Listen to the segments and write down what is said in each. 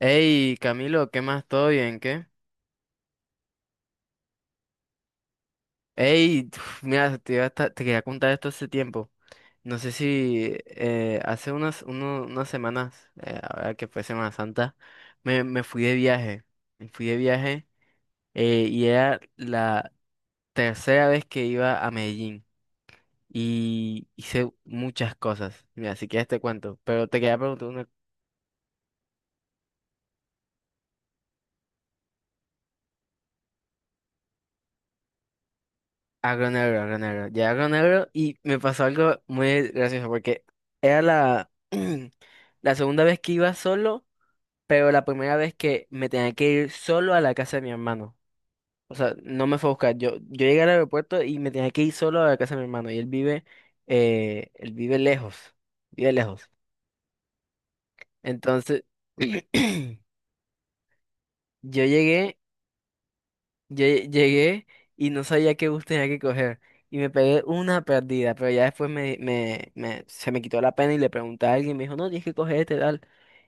Ey, Camilo, ¿qué más? ¿Todo bien? ¿Qué? Ey, mira, te iba a esta- te quería contar esto hace tiempo. No sé si hace unas semanas, ahora que fue Semana Santa, me fui de viaje. Me fui de viaje y era la tercera vez que iba a Medellín y hice muchas cosas. Mira, si quieres te cuento, pero te quería preguntar. Agro negro, agro negro. Llegué a agro negro y me pasó algo muy gracioso porque era la, la segunda vez que iba solo, pero la primera vez que me tenía que ir solo a la casa de mi hermano. O sea, no me fue a buscar. Yo llegué al aeropuerto y me tenía que ir solo a la casa de mi hermano. Y él vive lejos. Vive lejos. Entonces, yo llegué Llegué y no sabía qué bus tenía que coger. Y me pegué una perdida, pero ya después se me quitó la pena y le pregunté a alguien, me dijo, no, tienes que coger este tal.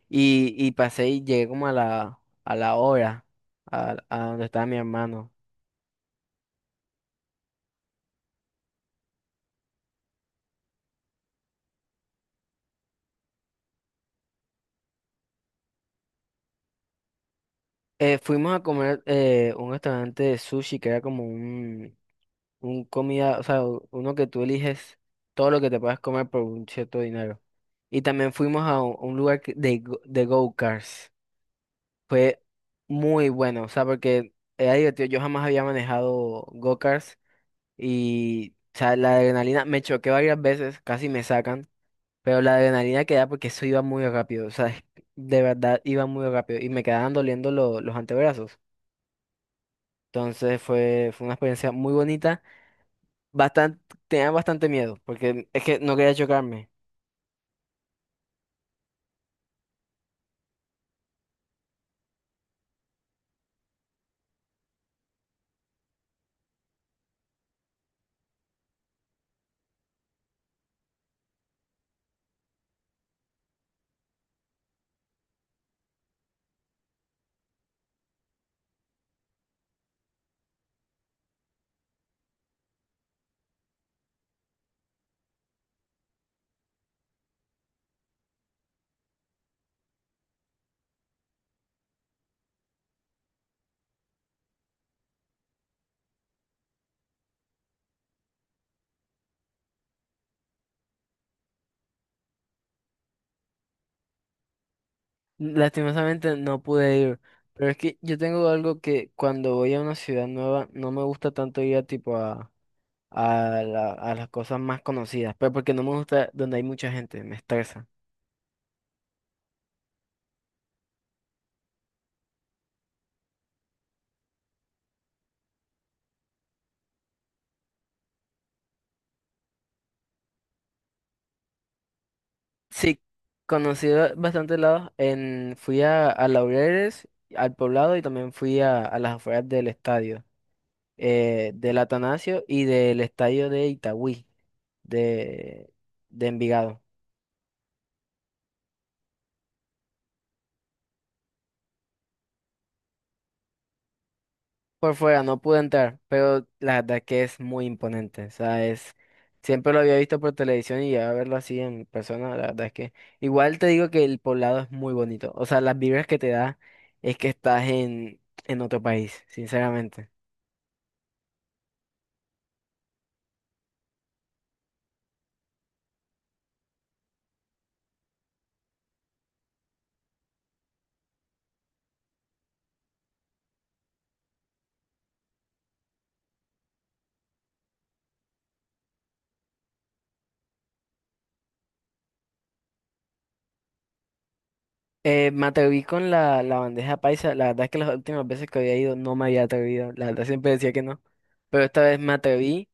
Y pasé y llegué como a la hora, a donde estaba mi hermano. Fuimos a comer un restaurante de sushi que era como un comida, o sea, uno que tú eliges todo lo que te puedas comer por un cierto dinero. Y también fuimos a un lugar de go-karts. Fue muy bueno, o sea, porque era divertido. Yo jamás había manejado go-karts y, o sea, la adrenalina me choqué varias veces, casi me sacan, pero la adrenalina que da porque eso iba muy rápido, o sea, de verdad iba muy rápido y me quedaban doliendo los antebrazos. Entonces fue una experiencia muy bonita. Bastante, tenía bastante miedo porque es que no quería chocarme. Lastimosamente no pude ir. Pero es que yo tengo algo que cuando voy a una ciudad nueva no me gusta tanto ir a tipo a las cosas más conocidas, pero porque no me gusta donde hay mucha gente, me estresa. Sí, conocí bastantes lados. En, fui a Laureles, al Poblado y también fui a las afueras del estadio, del Atanasio y del estadio de Itagüí, de, de Envigado. Por fuera no pude entrar, pero la verdad que es muy imponente. O sea, es, siempre lo había visto por televisión y ya verlo así en persona, la verdad es que igual te digo que el poblado es muy bonito. O sea, las vibras que te da es que estás en otro país, sinceramente. Me atreví con la bandeja paisa. La verdad es que las últimas veces que había ido no me había atrevido. La verdad siempre decía que no. Pero esta vez me atreví.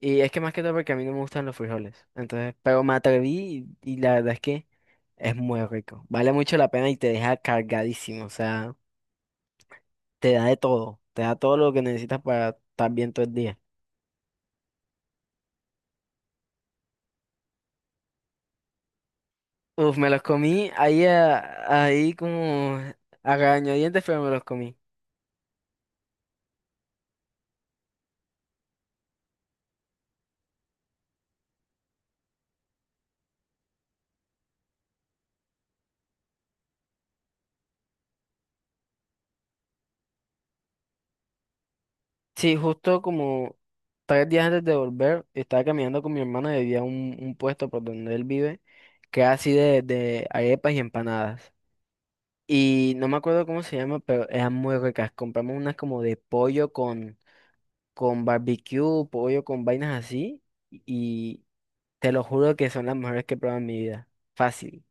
Y es que más que todo porque a mí no me gustan los frijoles. Entonces, pero me atreví y la verdad es que... Es muy rico. Vale mucho la pena y te deja cargadísimo. O sea, te da de todo. Te da todo lo que necesitas para estar bien todo el día. Uf, me los comí ahí, ahí como a regañadientes, pero me los comí. Sí, justo como tres días antes de volver, estaba caminando con mi hermano y había un puesto por donde él vive, que era así de arepas y empanadas. Y no me acuerdo cómo se llama, pero eran muy ricas. Compramos unas como de pollo con barbecue, pollo, con vainas así. Y te lo juro que son las mejores que he probado en mi vida. Fácil.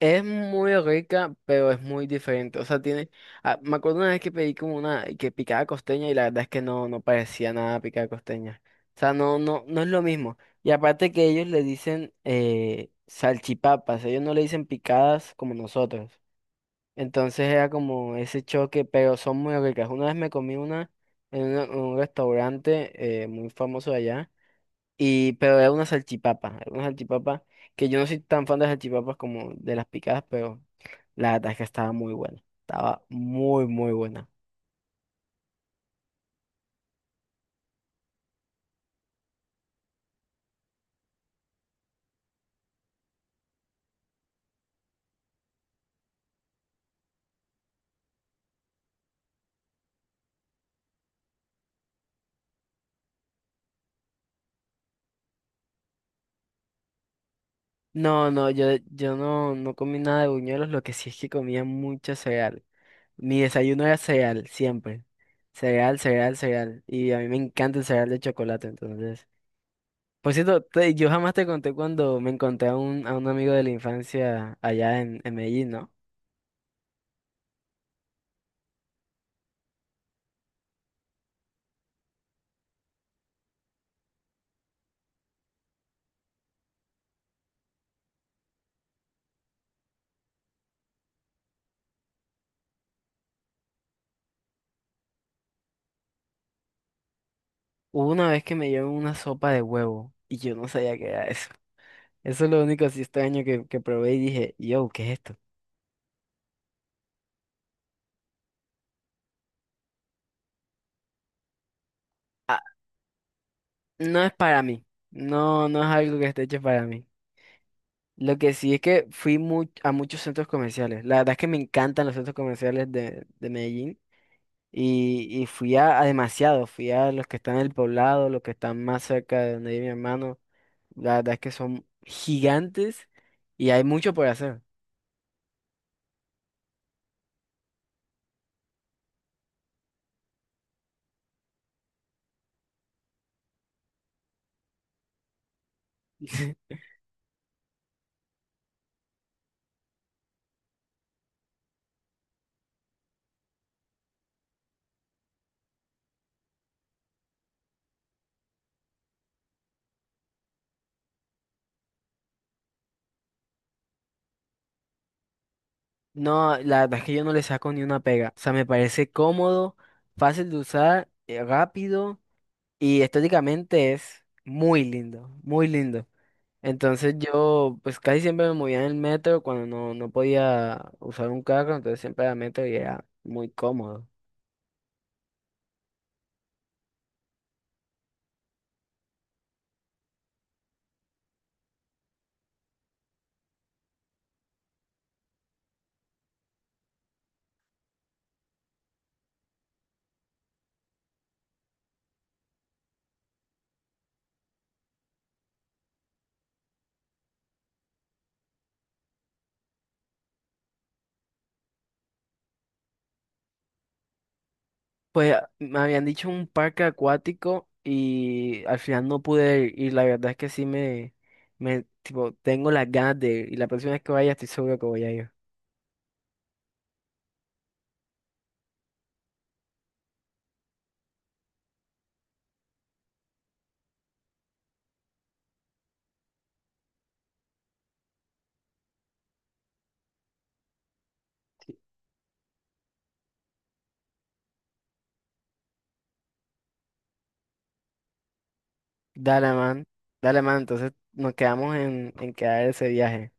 Es muy rica, pero es muy diferente. O sea, tiene. Ah, me acuerdo una vez que pedí como una que picada costeña y la verdad es que no, no parecía nada picada costeña. O sea, no, no, no es lo mismo. Y aparte que ellos le dicen salchipapas, ellos no le dicen picadas como nosotros. Entonces era como ese choque, pero son muy ricas. Una vez me comí una en un restaurante muy famoso de allá, y, pero era una salchipapa que yo no soy tan fan de las salchipapas como de las picadas, pero la verdad es que estaba muy buena, estaba muy, muy buena. No, no, yo no, no comí nada de buñuelos, lo que sí es que comía mucho cereal. Mi desayuno era cereal, siempre. Cereal, cereal, cereal. Y a mí me encanta el cereal de chocolate, entonces... Por cierto, yo jamás te conté cuando me encontré a a un amigo de la infancia allá en Medellín, ¿no? Hubo una vez que me llevó una sopa de huevo y yo no sabía qué era eso. Eso es lo único así extraño que probé y dije, yo, ¿qué es esto? Ah, no es para mí. No, no es algo que esté hecho para mí. Lo que sí es que fui a muchos centros comerciales. La verdad es que me encantan los centros comerciales de Medellín. Fui a demasiados, fui a los que están en el poblado, los que están más cerca de donde vive mi hermano. La verdad es que son gigantes y hay mucho por hacer. No, la verdad es que yo no le saco ni una pega. O sea, me parece cómodo, fácil de usar, rápido y estéticamente es muy lindo, muy lindo. Entonces yo, pues casi siempre me movía en el metro cuando no, no podía usar un carro, entonces siempre era metro y era muy cómodo. Pues me habían dicho un parque acuático y al final no pude ir. Y la verdad es que sí tipo, tengo las ganas de ir. Y la próxima vez que vaya estoy seguro que voy a ir. Dale, man. Dale, man. Entonces nos quedamos en quedar ese viaje.